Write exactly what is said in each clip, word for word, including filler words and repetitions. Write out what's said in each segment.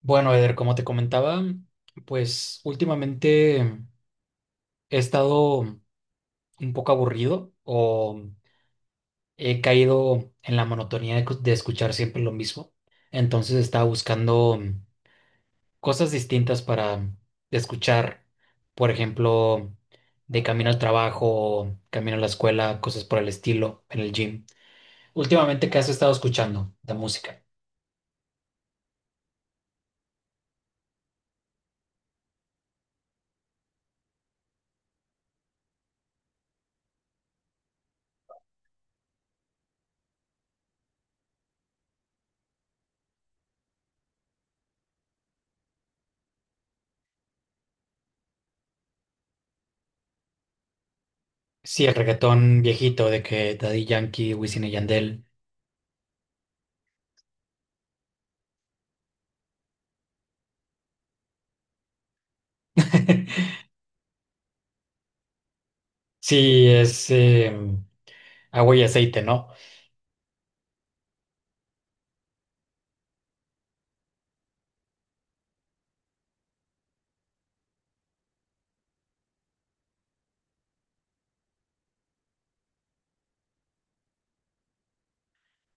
Bueno, Eder, como te comentaba, pues últimamente he estado un poco aburrido o he caído en la monotonía de, cu- de escuchar siempre lo mismo. Entonces estaba buscando cosas distintas para escuchar, por ejemplo, de camino al trabajo, camino a la escuela, cosas por el estilo, en el gym. Últimamente, ¿qué has estado escuchando de música? Sí, el reggaetón viejito de que Daddy Yankee, Wisin y Yandel. Sí, es eh, agua y aceite, ¿no?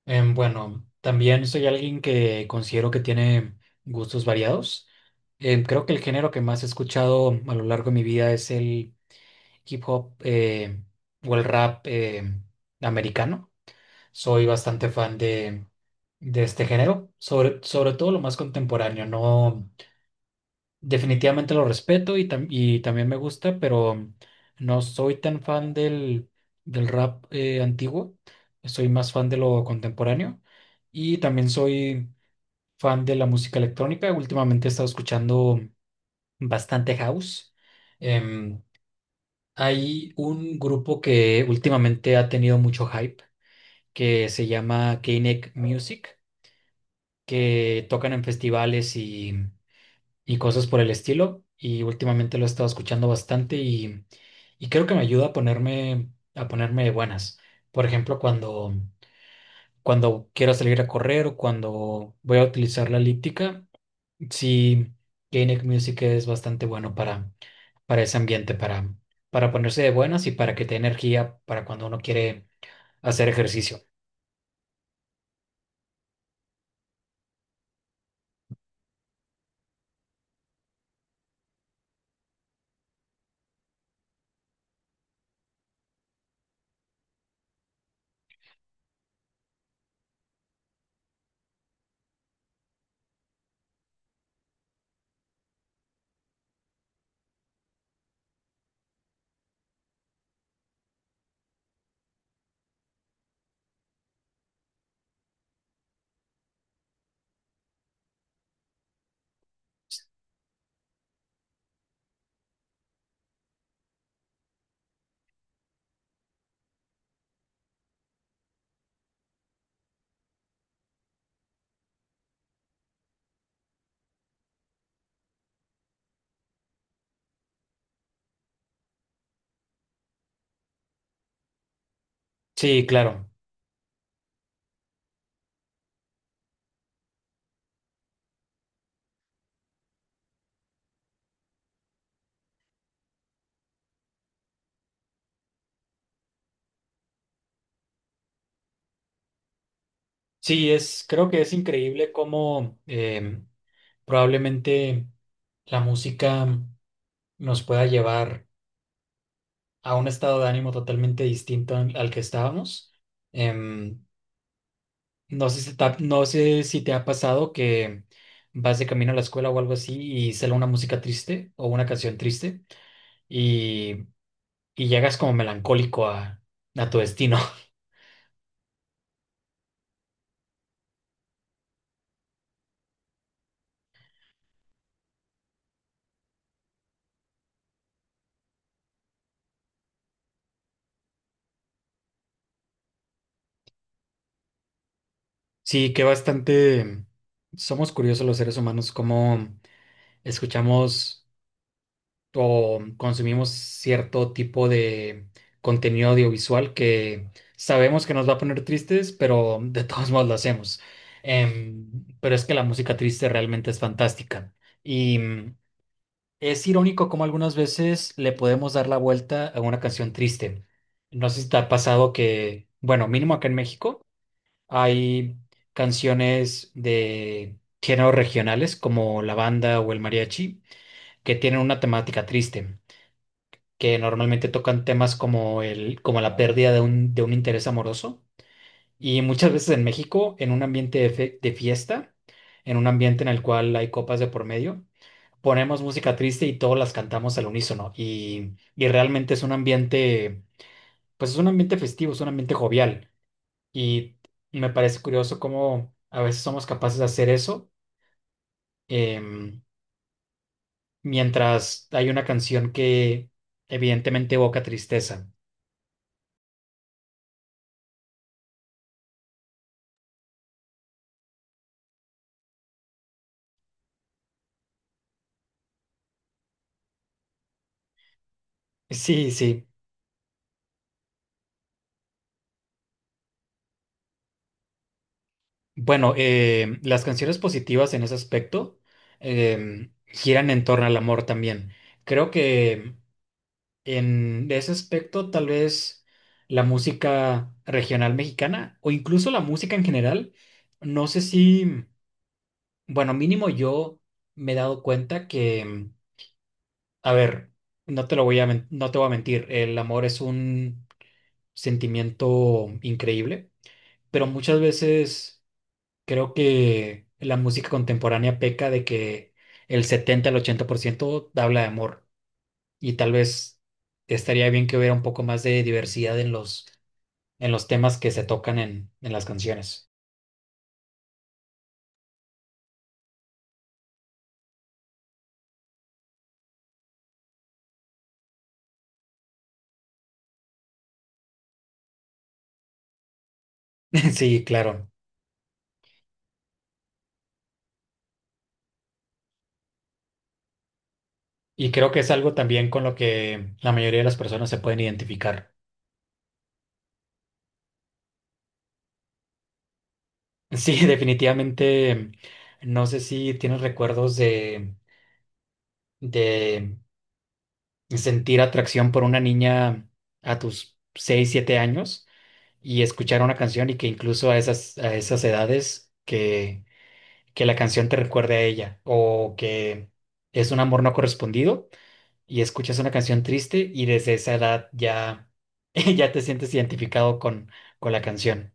Em, bueno, también soy alguien que considero que tiene gustos variados. Em, creo que el género que más he escuchado a lo largo de mi vida es el hip hop eh, o el rap eh, americano. Soy bastante fan de, de este género, sobre, sobre todo lo más contemporáneo, ¿no? Definitivamente lo respeto y, tam- y también me gusta, pero no soy tan fan del, del rap eh, antiguo. Soy más fan de lo contemporáneo y también soy fan de la música electrónica. Últimamente he estado escuchando bastante house. Em, Hay un grupo que últimamente ha tenido mucho hype que se llama K-Neck Music, que tocan en festivales y cosas por el estilo. Y últimamente lo he estado escuchando bastante y, y creo que me ayuda a ponerme, a ponerme de buenas. Por ejemplo, cuando, cuando quiero salir a correr o cuando voy a utilizar la elíptica, sí, Gainic Music es bastante bueno para, para ese ambiente, para, para ponerse de buenas y para que te dé energía para cuando uno quiere hacer ejercicio. Sí, claro. Sí, es, creo que es increíble cómo em, probablemente la música nos pueda llevar a un estado de ánimo totalmente distinto al al que estábamos. Em, no sé si te ha, no sé si te ha pasado que vas de camino a la escuela o algo así y sale una música triste o una canción triste y, y llegas como melancólico a, a tu destino. Sí, que bastante somos curiosos los seres humanos, cómo escuchamos o consumimos cierto tipo de contenido audiovisual que sabemos que nos va a poner tristes, pero de todos modos lo hacemos. Em, pero es que la música triste realmente es fantástica. Y mm, es irónico cómo algunas veces le podemos dar la vuelta a una canción triste. No sé si te ha pasado que, bueno, mínimo acá en México, hay canciones de géneros regionales como la banda o el mariachi que tienen una temática triste que normalmente tocan temas como el, como la pérdida de un, de un interés amoroso. Y muchas veces en México, en un ambiente de, fe- de fiesta, en un ambiente en el cual hay copas de por medio, ponemos música triste y todas las cantamos al unísono. Y, y realmente es un ambiente, pues es un ambiente festivo, es un ambiente jovial. Y me parece curioso cómo a veces somos capaces de hacer eso, em, mientras hay una canción que evidentemente evoca tristeza. Sí, sí. Bueno, eh, las canciones positivas en ese aspecto eh, giran en torno al amor también. Creo que en ese aspecto tal vez la música regional mexicana o incluso la música en general, no sé si, bueno, mínimo yo me he dado cuenta que, a ver, no te lo voy a, men- no te voy a mentir, el amor es un sentimiento increíble, pero muchas veces creo que la música contemporánea peca de que el setenta al ochenta por ciento habla de amor y tal vez estaría bien que hubiera un poco más de diversidad en los, en los temas que se tocan en, en las canciones. Sí, claro. Y creo que es algo también con lo que la mayoría de las personas se pueden identificar. Sí, definitivamente. No sé si tienes recuerdos de, de sentir atracción por una niña a tus seis siete años y escuchar una canción y que incluso a esas, a esas edades que, que la canción te recuerde a ella o que es un amor no correspondido y escuchas una canción triste y desde esa edad ya, ya te sientes identificado con, con la canción.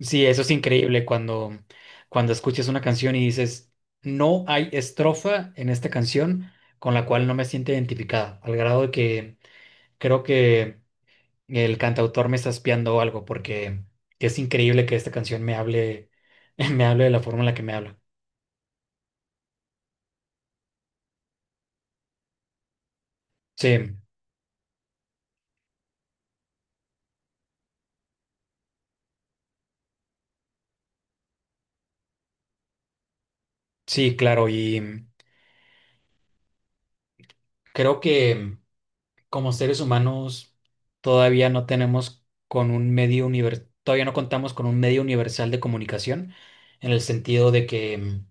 Sí, eso es increíble cuando, cuando escuchas una canción y dices, no hay estrofa en esta canción con la cual no me siento identificado, al grado de que creo que el cantautor me está espiando o algo, porque es increíble que esta canción me hable, me hable de la forma en la que me habla. Sí, sí, claro, y creo que como seres humanos todavía no tenemos con un medio univer- todavía no contamos con un medio universal de comunicación, en el sentido de que mm,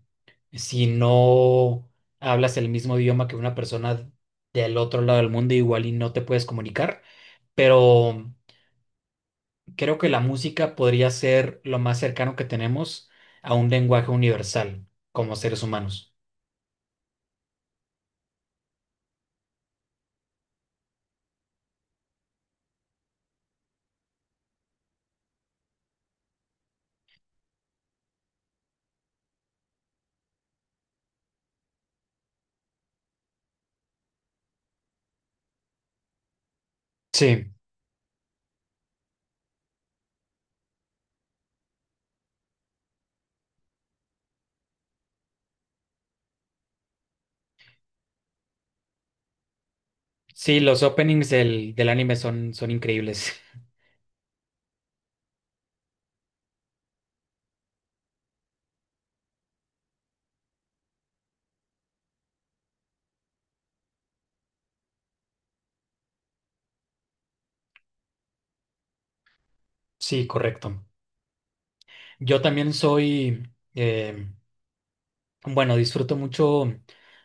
si no hablas el mismo idioma que una persona del otro lado del mundo, igual y no te puedes comunicar, pero creo que la música podría ser lo más cercano que tenemos a un lenguaje universal como seres humanos. Sí, sí, los openings del, del anime son, son increíbles. Sí, correcto. Yo también soy, eh, Bueno, disfruto mucho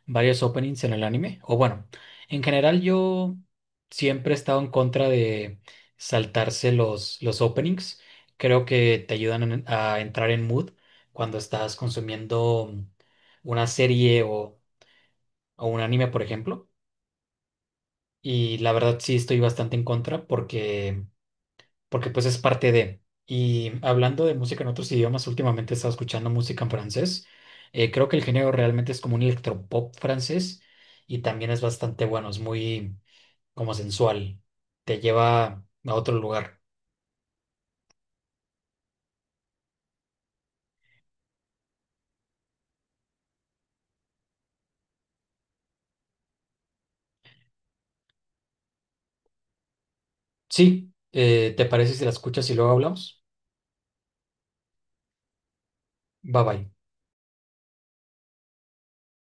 varios openings en el anime. O bueno, en general yo siempre he estado en contra de saltarse los, los openings. Creo que te ayudan en- a entrar en mood cuando estás consumiendo una serie o, o un anime, por ejemplo. Y la verdad sí estoy bastante en contra porque porque pues es parte de. Y hablando de música en otros idiomas, últimamente he estado escuchando música en francés. Eh, creo que el género realmente es como un electropop francés y también es bastante bueno, es muy como sensual, te lleva a otro lugar. Sí, eh, ¿te parece si la escuchas y luego hablamos? Bye bye.